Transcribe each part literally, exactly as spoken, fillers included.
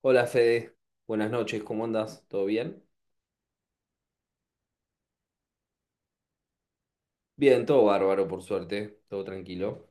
Hola Fede, buenas noches, ¿cómo andas? ¿Todo bien? Bien, todo bárbaro, por suerte, todo tranquilo.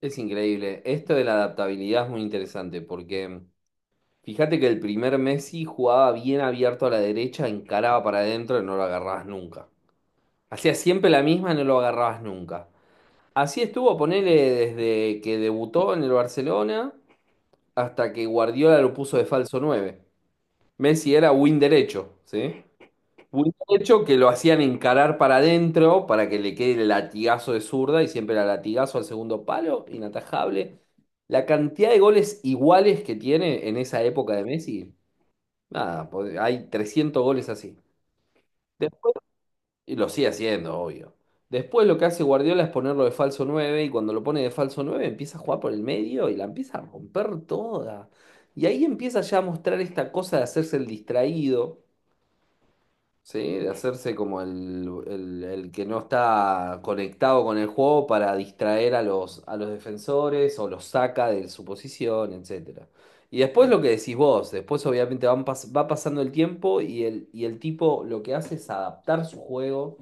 Es increíble, esto de la adaptabilidad es muy interesante porque fíjate que el primer Messi jugaba bien abierto a la derecha, encaraba para adentro y no lo agarrabas nunca. Hacía siempre la misma y no lo agarrabas nunca. Así estuvo, ponele desde que debutó en el Barcelona hasta que Guardiola lo puso de falso nueve. Messi era win derecho, ¿sí? Hubiera hecho que lo hacían encarar para adentro para que le quede el latigazo de zurda y siempre era latigazo al segundo palo, inatajable. La cantidad de goles iguales que tiene en esa época de Messi, nada, po- hay trescientos goles así. De- Y lo sigue haciendo, obvio. Después lo que hace Guardiola es ponerlo de falso nueve y cuando lo pone de falso nueve empieza a jugar por el medio y la empieza a romper toda. Y ahí empieza ya a mostrar esta cosa de hacerse el distraído. Sí, de hacerse como el, el- el que no está conectado con el juego para distraer a los, a los defensores o los saca de su posición, etcétera. Y después lo que decís vos, después obviamente van pas- va pasando el tiempo y el, y el tipo lo que hace es adaptar su juego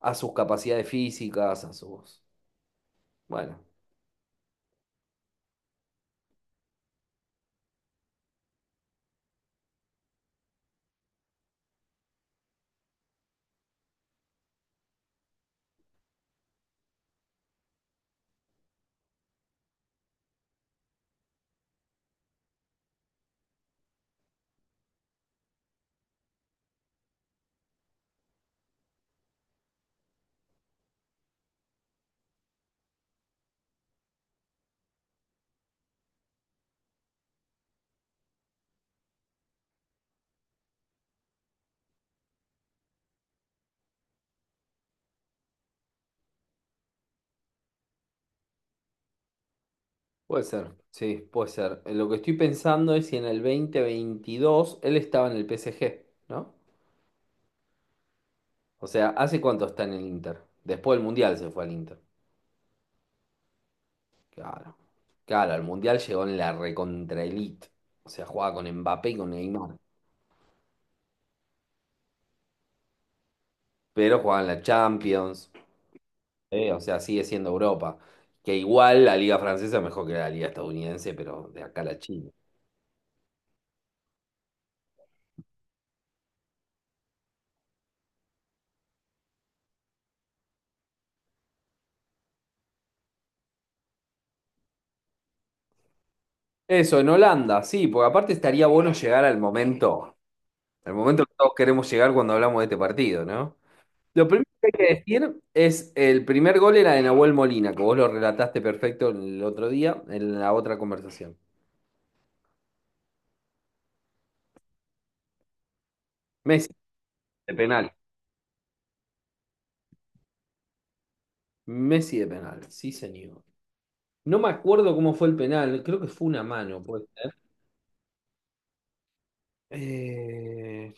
a sus capacidades físicas, a sus... Bueno, puede ser, sí, puede ser. Lo que estoy pensando es si en el dos mil veintidós él estaba en el P S G, ¿no? O sea, ¿hace cuánto está en el Inter? Después del Mundial se fue al Inter. Claro. Claro, al Mundial llegó en la recontra elite. O sea, jugaba con Mbappé y con Neymar. Pero jugaba en la Champions. ¿Eh? O sea, sigue siendo Europa. Que igual la liga francesa es mejor que la liga estadounidense, pero de acá a la China. Eso, en Holanda, sí, porque aparte estaría bueno llegar al momento, al momento que todos queremos llegar cuando hablamos de este partido, ¿no? Lo primero que hay que decir es el primer gol era de Nahuel Molina, que vos lo relataste perfecto el otro día en la otra conversación. Messi de penal. Messi de penal, sí señor. No me acuerdo cómo fue el penal, creo que fue una mano, puede ser. Eh,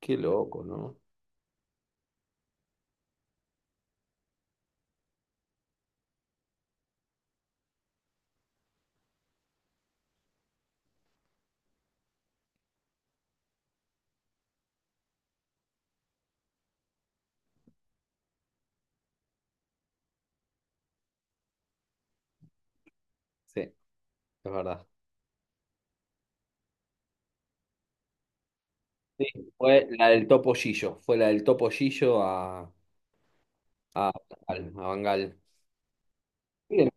qué loco, ¿no? Sí, es verdad. Sí, fue la del Topo Gillo, fue la del Topo Gillo a, a, Bangal. A Bangal. Bien.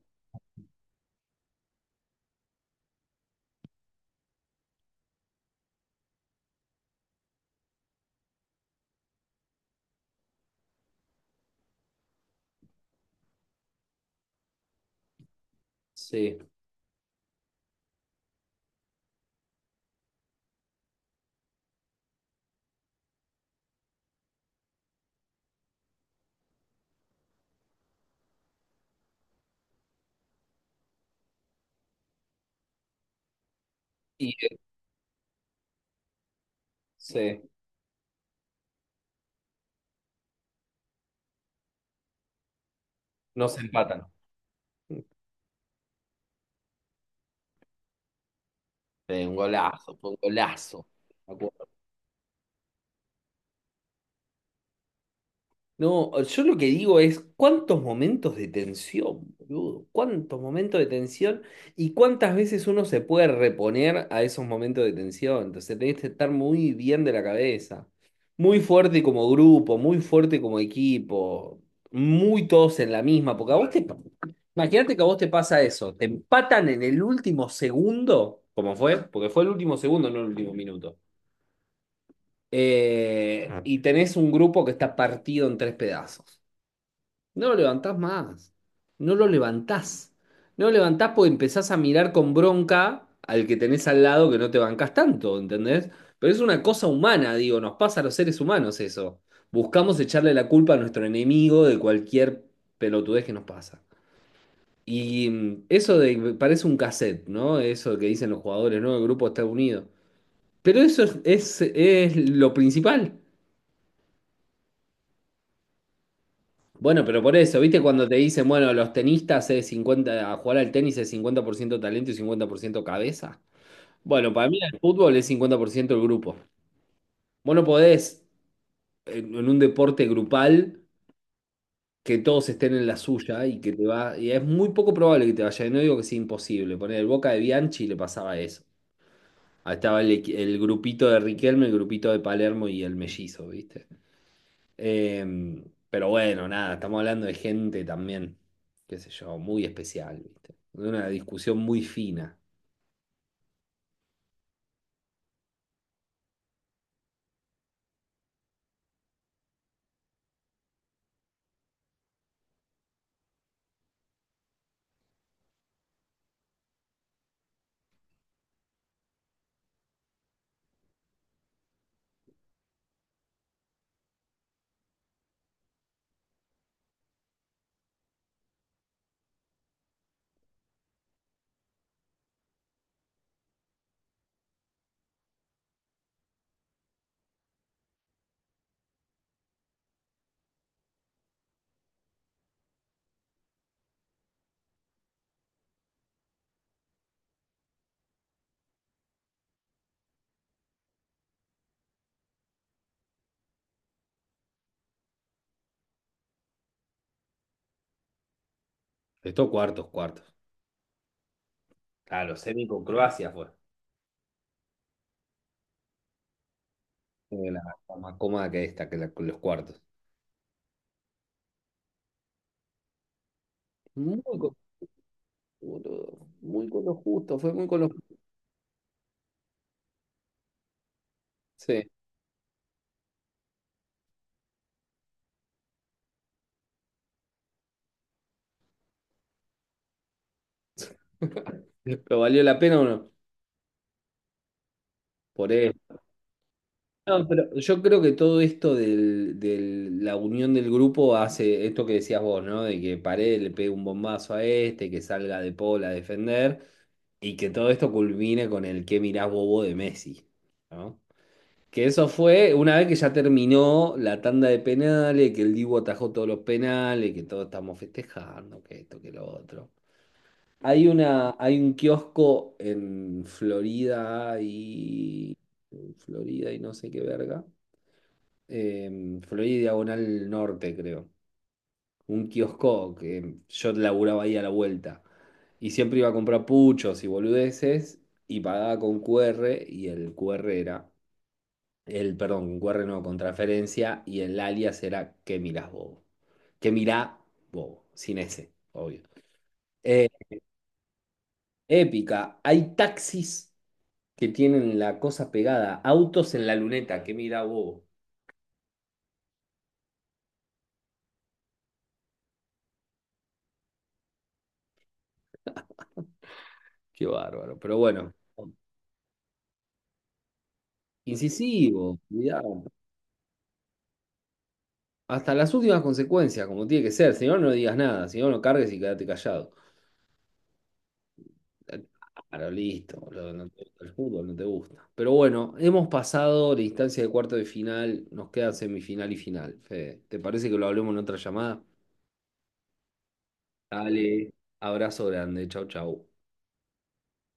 Sí, y eh, sí, no se empatan. Fue un golazo, fue un golazo. No, yo lo que digo es cuántos momentos de tensión, boludo, cuántos momentos de tensión y cuántas veces uno se puede reponer a esos momentos de tensión. Entonces tenés que estar muy bien de la cabeza, muy fuerte como grupo, muy fuerte como equipo, muy todos en la misma, porque a vos te... Imagínate que a vos te pasa eso, te empatan en el último segundo, como fue, porque fue el último segundo, no el último minuto, eh, y tenés un grupo que está partido en tres pedazos. No lo levantás más. No lo levantás. No lo levantás porque empezás a mirar con bronca al que tenés al lado que no te bancás tanto, ¿entendés? Pero es una cosa humana, digo, nos pasa a los seres humanos eso. Buscamos echarle la culpa a nuestro enemigo de cualquier pelotudez que nos pasa. Y mm, eso de, parece un cassette, ¿no? Eso que dicen los jugadores, ¿no? El grupo está unido. Pero eso es, es es lo principal. Bueno, pero por eso, ¿viste cuando te dicen, bueno, los tenistas es cincuenta, a jugar al tenis es cincuenta por ciento talento y cincuenta por ciento cabeza? Bueno, para mí el fútbol es cincuenta por ciento el grupo. Vos no podés en, en un deporte grupal que todos estén en la suya y que te va, y es muy poco probable que te vaya, y no digo que sea imposible, poner el Boca de Bianchi le pasaba eso. Ahí estaba el, equi- el grupito de Riquelme, el grupito de Palermo y el mellizo, ¿viste? Em, pero bueno, nada, estamos hablando de gente también, qué sé yo, muy especial, ¿viste? De una discusión muy fina. Estos cuartos, cuartos. Claro, semi con Croacia fue. Eh, La, la más cómoda que esta, que la- con los cuartos. Muy con, boludo, muy con lo justo, fue muy con lo justo. Sí. ¿Pero valió la pena o no? Por eso. No, pero yo creo que todo esto del, del- la unión del grupo hace esto que decías vos, ¿no? De que Paredes le pegue un bombazo a este, que salga De Paul a defender y que todo esto culmine con el que mirás, bobo?" de Messi, ¿no? Que eso fue una vez que ya terminó la tanda de penales, que el Dibu atajó todos los penales, que todos estamos festejando, que esto, que lo otro. Hay una, hay un kiosco en Florida y Florida y no sé qué verga, eh, Florida y Diagonal Norte, creo. Un kiosco que yo laburaba ahí a la vuelta. Y siempre iba a comprar puchos y boludeces y pagaba con Q R y el Q R era, el, perdón, con Q R no, con transferencia y el alias era que mirás bobo? Que mirá bobo? Sin ese, obvio. Eh, épica, hay taxis que tienen la cosa pegada, autos en la luneta, que mirá bobo? Qué bárbaro, pero bueno, incisivo, hasta las últimas consecuencias, como tiene que ser. Si no, no digas nada. Si no, no cargues y quédate callado. Eh, Claro, listo, boludo, no te gusta el fútbol, no te gusta. Pero bueno, hemos pasado la instancia de cuarto de final, nos queda semifinal y final. Fede, ¿te parece que lo hablemos en otra llamada? Dale, abrazo grande, chau, chau.